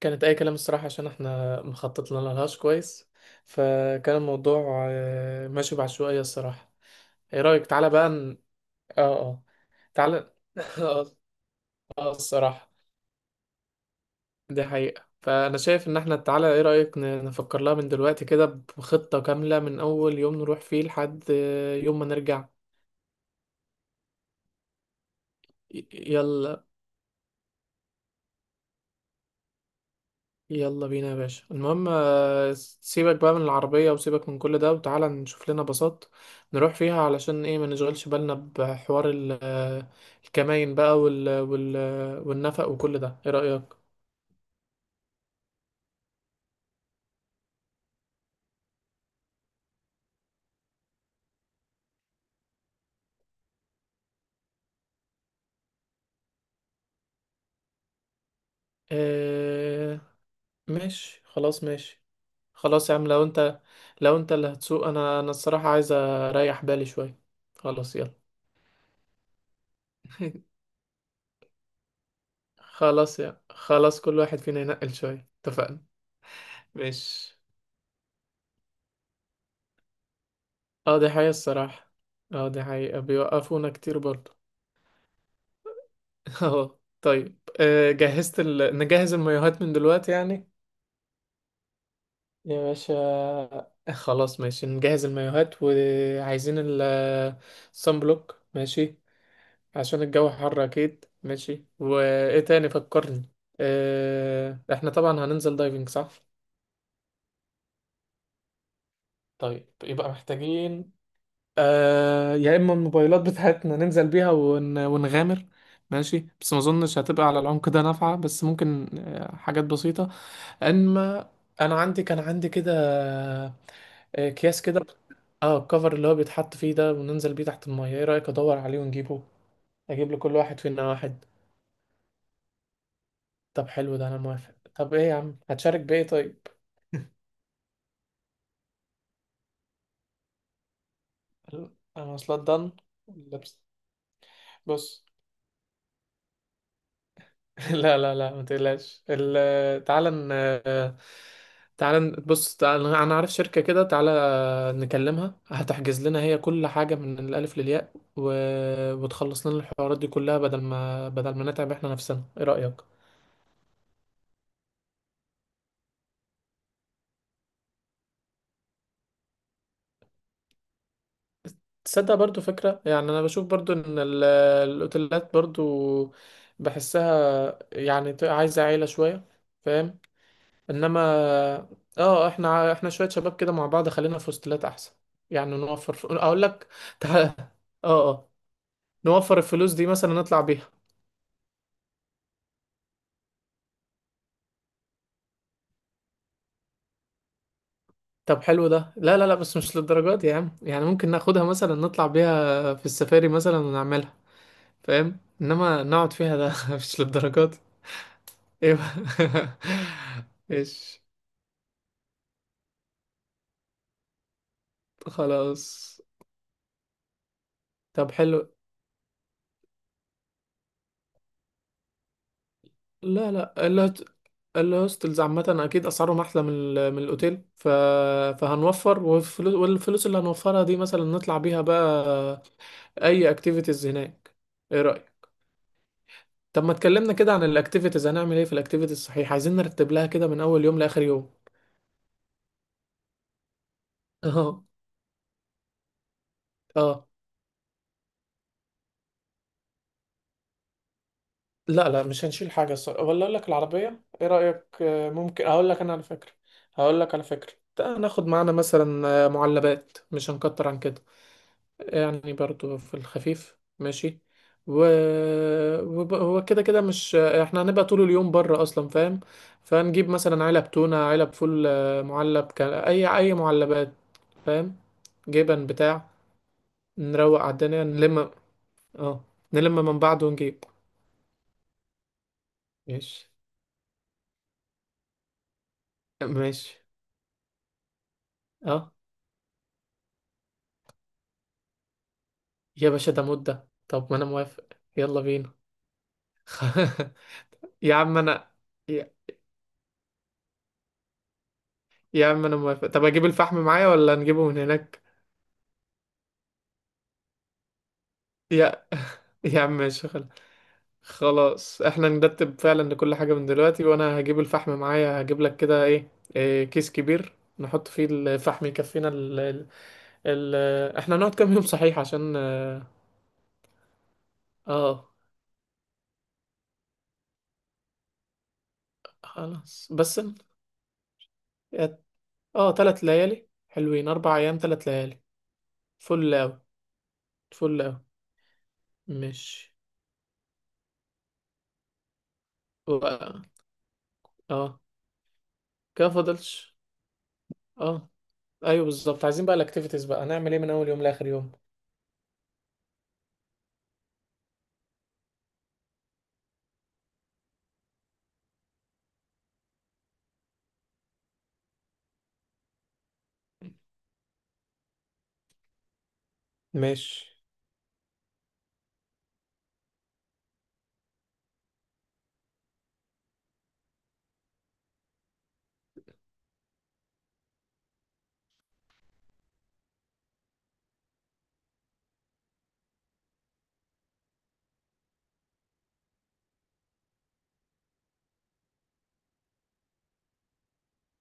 كانت اي كلام الصراحه، عشان احنا مخططنا لهاش كويس. فكان الموضوع ماشي بعشوائيه الصراحه. ايه رايك تعالى بقى اه، اه، تعالى اه. الصراحه دي حقيقه، فانا شايف ان احنا تعالى ايه رايك نفكر لها من دلوقتي كده بخطه كامله، من اول يوم نروح فيه لحد يوم ما نرجع. يلا، يلا بينا يا باشا. المهم سيبك بقى من العربية وسيبك من كل ده، وتعالى نشوف لنا باصات نروح فيها، علشان ايه ما نشغلش بالنا بحوار الكماين بقى وال والنفق وكل ده. ايه رأيك؟ آه، ماشي، خلاص ماشي. خلاص يا عم، لو انت اللي هتسوق، انا الصراحة عايز اريح بالي شوية. خلاص يلا. خلاص يا خلاص، كل واحد فينا ينقل شوية، اتفقنا. ماشي. اه، دي حقيقة الصراحة. اه، دي حقيقة بيوقفونا كتير برضه. اه، طيب. جهزت نجهز المايوهات من دلوقتي يعني. يا باشا. خلاص ماشي، نجهز المايوهات، وعايزين ال صن بلوك ماشي، عشان الجو حر اكيد. ماشي، وايه تاني فكرني. احنا طبعا هننزل دايفنج صح؟ طيب يبقى محتاجين، يا اما الموبايلات بتاعتنا ننزل بيها ونغامر. ماشي، بس ما اظنش هتبقى على العمق ده نافعه، بس ممكن حاجات بسيطه. اما انا عندي، كان عندي كده آه اكياس كده. اه، الكفر اللي هو بيتحط فيه ده وننزل بيه تحت الميه. ايه رايك ادور عليه ونجيبه، اجيب لكل واحد فينا واحد؟ طب حلو ده، انا موافق. طب ايه يا عم هتشارك بايه طيب؟ ال- انا اصلا دن لبس. بص. لا، لا، لا، ما تقلقش. تعالى تعالى بص، تعالى انا عارف شركة كده، تعالى نكلمها هتحجز لنا هي كل حاجة من الألف للياء، وتخلص لنا الحوارات دي كلها، بدل ما نتعب احنا نفسنا. ايه رأيك؟ تصدق برضو فكرة. يعني انا بشوف برضو ان الاوتيلات برضو بحسها يعني عايزة عيلة شوية، فاهم. انما اه احنا شويه شباب كده مع بعض، خلينا في هوستلات احسن. يعني نوفر. اقول لك. تعال. اه، اه، نوفر الفلوس دي مثلا نطلع بيها. طب حلو ده، لا، لا، لا، بس مش للدرجات دي يا عم. يعني ممكن ناخدها مثلا نطلع بيها في السفاري مثلا ونعملها، فاهم. انما نقعد فيها ده مش للدرجات دي. ايوه. ايش، خلاص. طب حلو. لا، لا، الهوستلز عامة أكيد أسعارهم أحلى من الأوتيل. فهنوفر، والفلوس اللي هنوفرها دي مثلا نطلع بيها بقى أي أكتيفيتيز هناك. إيه رأيك؟ طب ما اتكلمنا كده عن الأكتيفيتيز. هنعمل إيه في الأكتيفيتيز صحيح؟ عايزين نرتب لها كده من أول يوم لآخر يوم. أه، أه. لا، لا، مش هنشيل حاجة. ولا أقول لك العربية، إيه رأيك ممكن أقول لك أنا على فكرة. هقول لك على فكرة، تعال ناخد معانا مثلا معلبات، مش هنكتر عن كده. يعني برضو في الخفيف ماشي. و... هو كده كده مش احنا هنبقى طول اليوم بره اصلا، فاهم. فنجيب مثلا علب تونة، علب فول، اي معلبات، فاهم، جبن بتاع، نروق على الدنيا نلم. اه، نلم من بعض ونجيب. ماشي، ماشي. اه، يا باشا ده مدة، طب ما انا موافق. يلا بينا. يا عم انا، يا يا عم انا موافق. طب اجيب الفحم معايا ولا نجيبه من هناك؟ يا يا عم ماشي، خلاص احنا نرتب فعلا كل حاجة من دلوقتي. وانا هجيب الفحم معايا. هجيب لك كده إيه، كيس كبير نحط فيه الفحم يكفينا ال... احنا نقعد كام يوم صحيح؟ عشان آه، خلاص. اه، تلات ليالي حلوين، اربع ايام تلات ليالي. فل اوي، فل اوي. ماشي. و... اه، كده فاضلش. اه، ايوه بالظبط، عايزين بقى الاكتيفيتيز بقى هنعمل ايه من اول يوم لاخر يوم. ماشي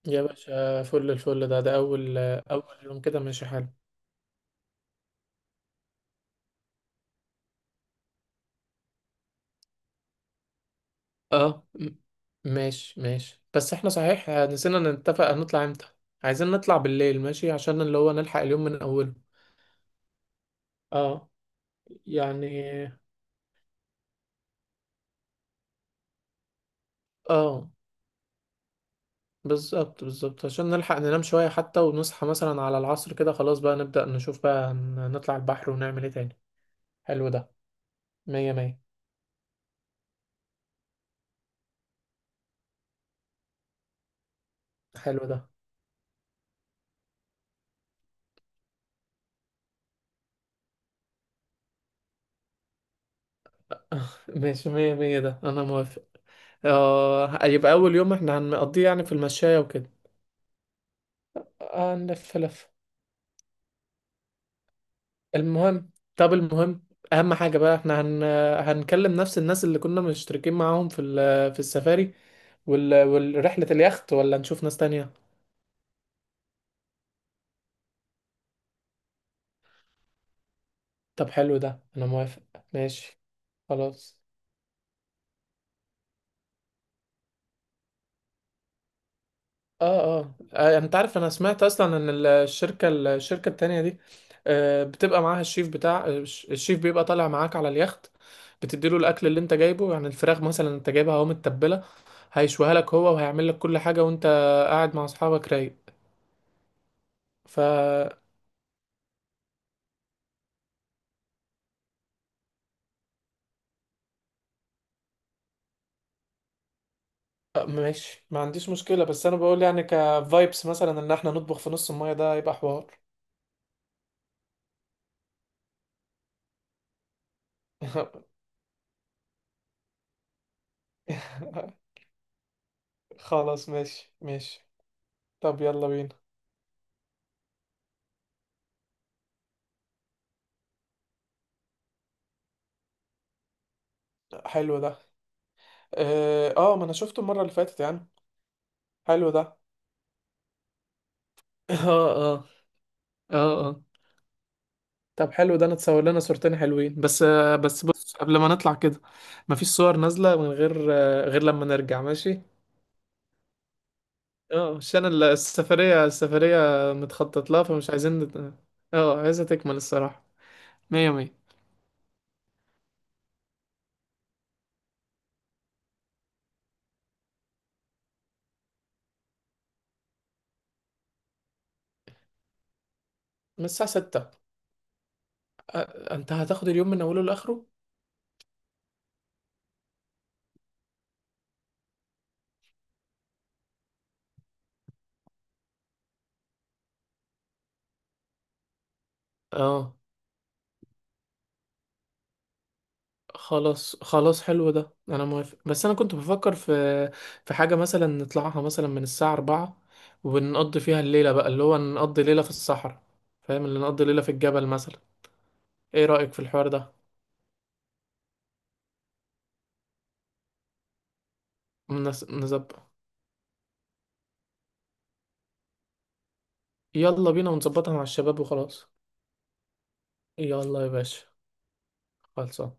يا باشا. الفل ده، أول أول يوم كده ماشي حلو. اه، ماشي، ماشي، بس احنا صحيح نسينا نتفق هنطلع امتى. عايزين نطلع بالليل ماشي، عشان اللي هو نلحق اليوم من أوله. اه يعني. اه، بالظبط، بالظبط، عشان نلحق ننام شوية حتى، ونصحى مثلا على العصر كده، خلاص بقى نبدأ نشوف بقى نطلع البحر ونعمل ايه تاني. حلو ده، مية مية. حلو ده. ماشي، مية مية، ده أنا موافق. اه، يبقى أول يوم احنا هنقضيه يعني في المشاية وكده. نلف لف، المهم. طب المهم اهم حاجه بقى، احنا هنكلم نفس الناس اللي كنا مشتركين معاهم في السفاري، والرحله، اليخت، ولا نشوف ناس تانية؟ طب حلو ده، انا موافق. ماشي خلاص. اه، اه، يعني انت عارف انا سمعت اصلا ان الشركه الشركه التانية دي بتبقى معاها الشيف بتاع الشيف بيبقى طالع معاك على اليخت، بتديله الاكل اللي انت جايبه، يعني الفراخ مثلا انت جايبها اهو متبله، هيشويها لك هو، وهيعمل لك كل حاجه وانت قاعد مع اصحابك رايق. ف آه، ماشي، ما عنديش مشكله. بس انا بقول يعني كفايبس مثلا ان احنا نطبخ في نص الميه، ده هيبقى حوار. خلاص، ماشي، ماشي. طب يلا بينا. حلو ده. اه، ما انا شفته المره اللي فاتت يعني. حلو ده. اه، اه، اه، اه. طب حلو ده، نتصور لنا صورتين حلوين. بس بص، قبل ما نطلع كده مفيش صور نازلة من غير لما نرجع ماشي. اه، عشان السفرية السفرية متخطط لها، فمش عايزين اه، عايزة تكمل الصراحة، مية مية. من الساعة ستة انت هتاخد اليوم من اوله لاخره. اه، خلاص، خلاص، حلو ده، انا موافق. بس انا كنت بفكر في حاجه مثلا نطلعها مثلا من الساعه 4، ونقضي فيها الليله بقى، اللي هو نقضي ليله في الصحراء، فاهم، اللي نقضي ليله في الجبل مثلا. ايه رايك في الحوار ده؟ نظبط. يلا بينا، ونظبطها مع الشباب وخلاص. يلا يا باشا. خلصان.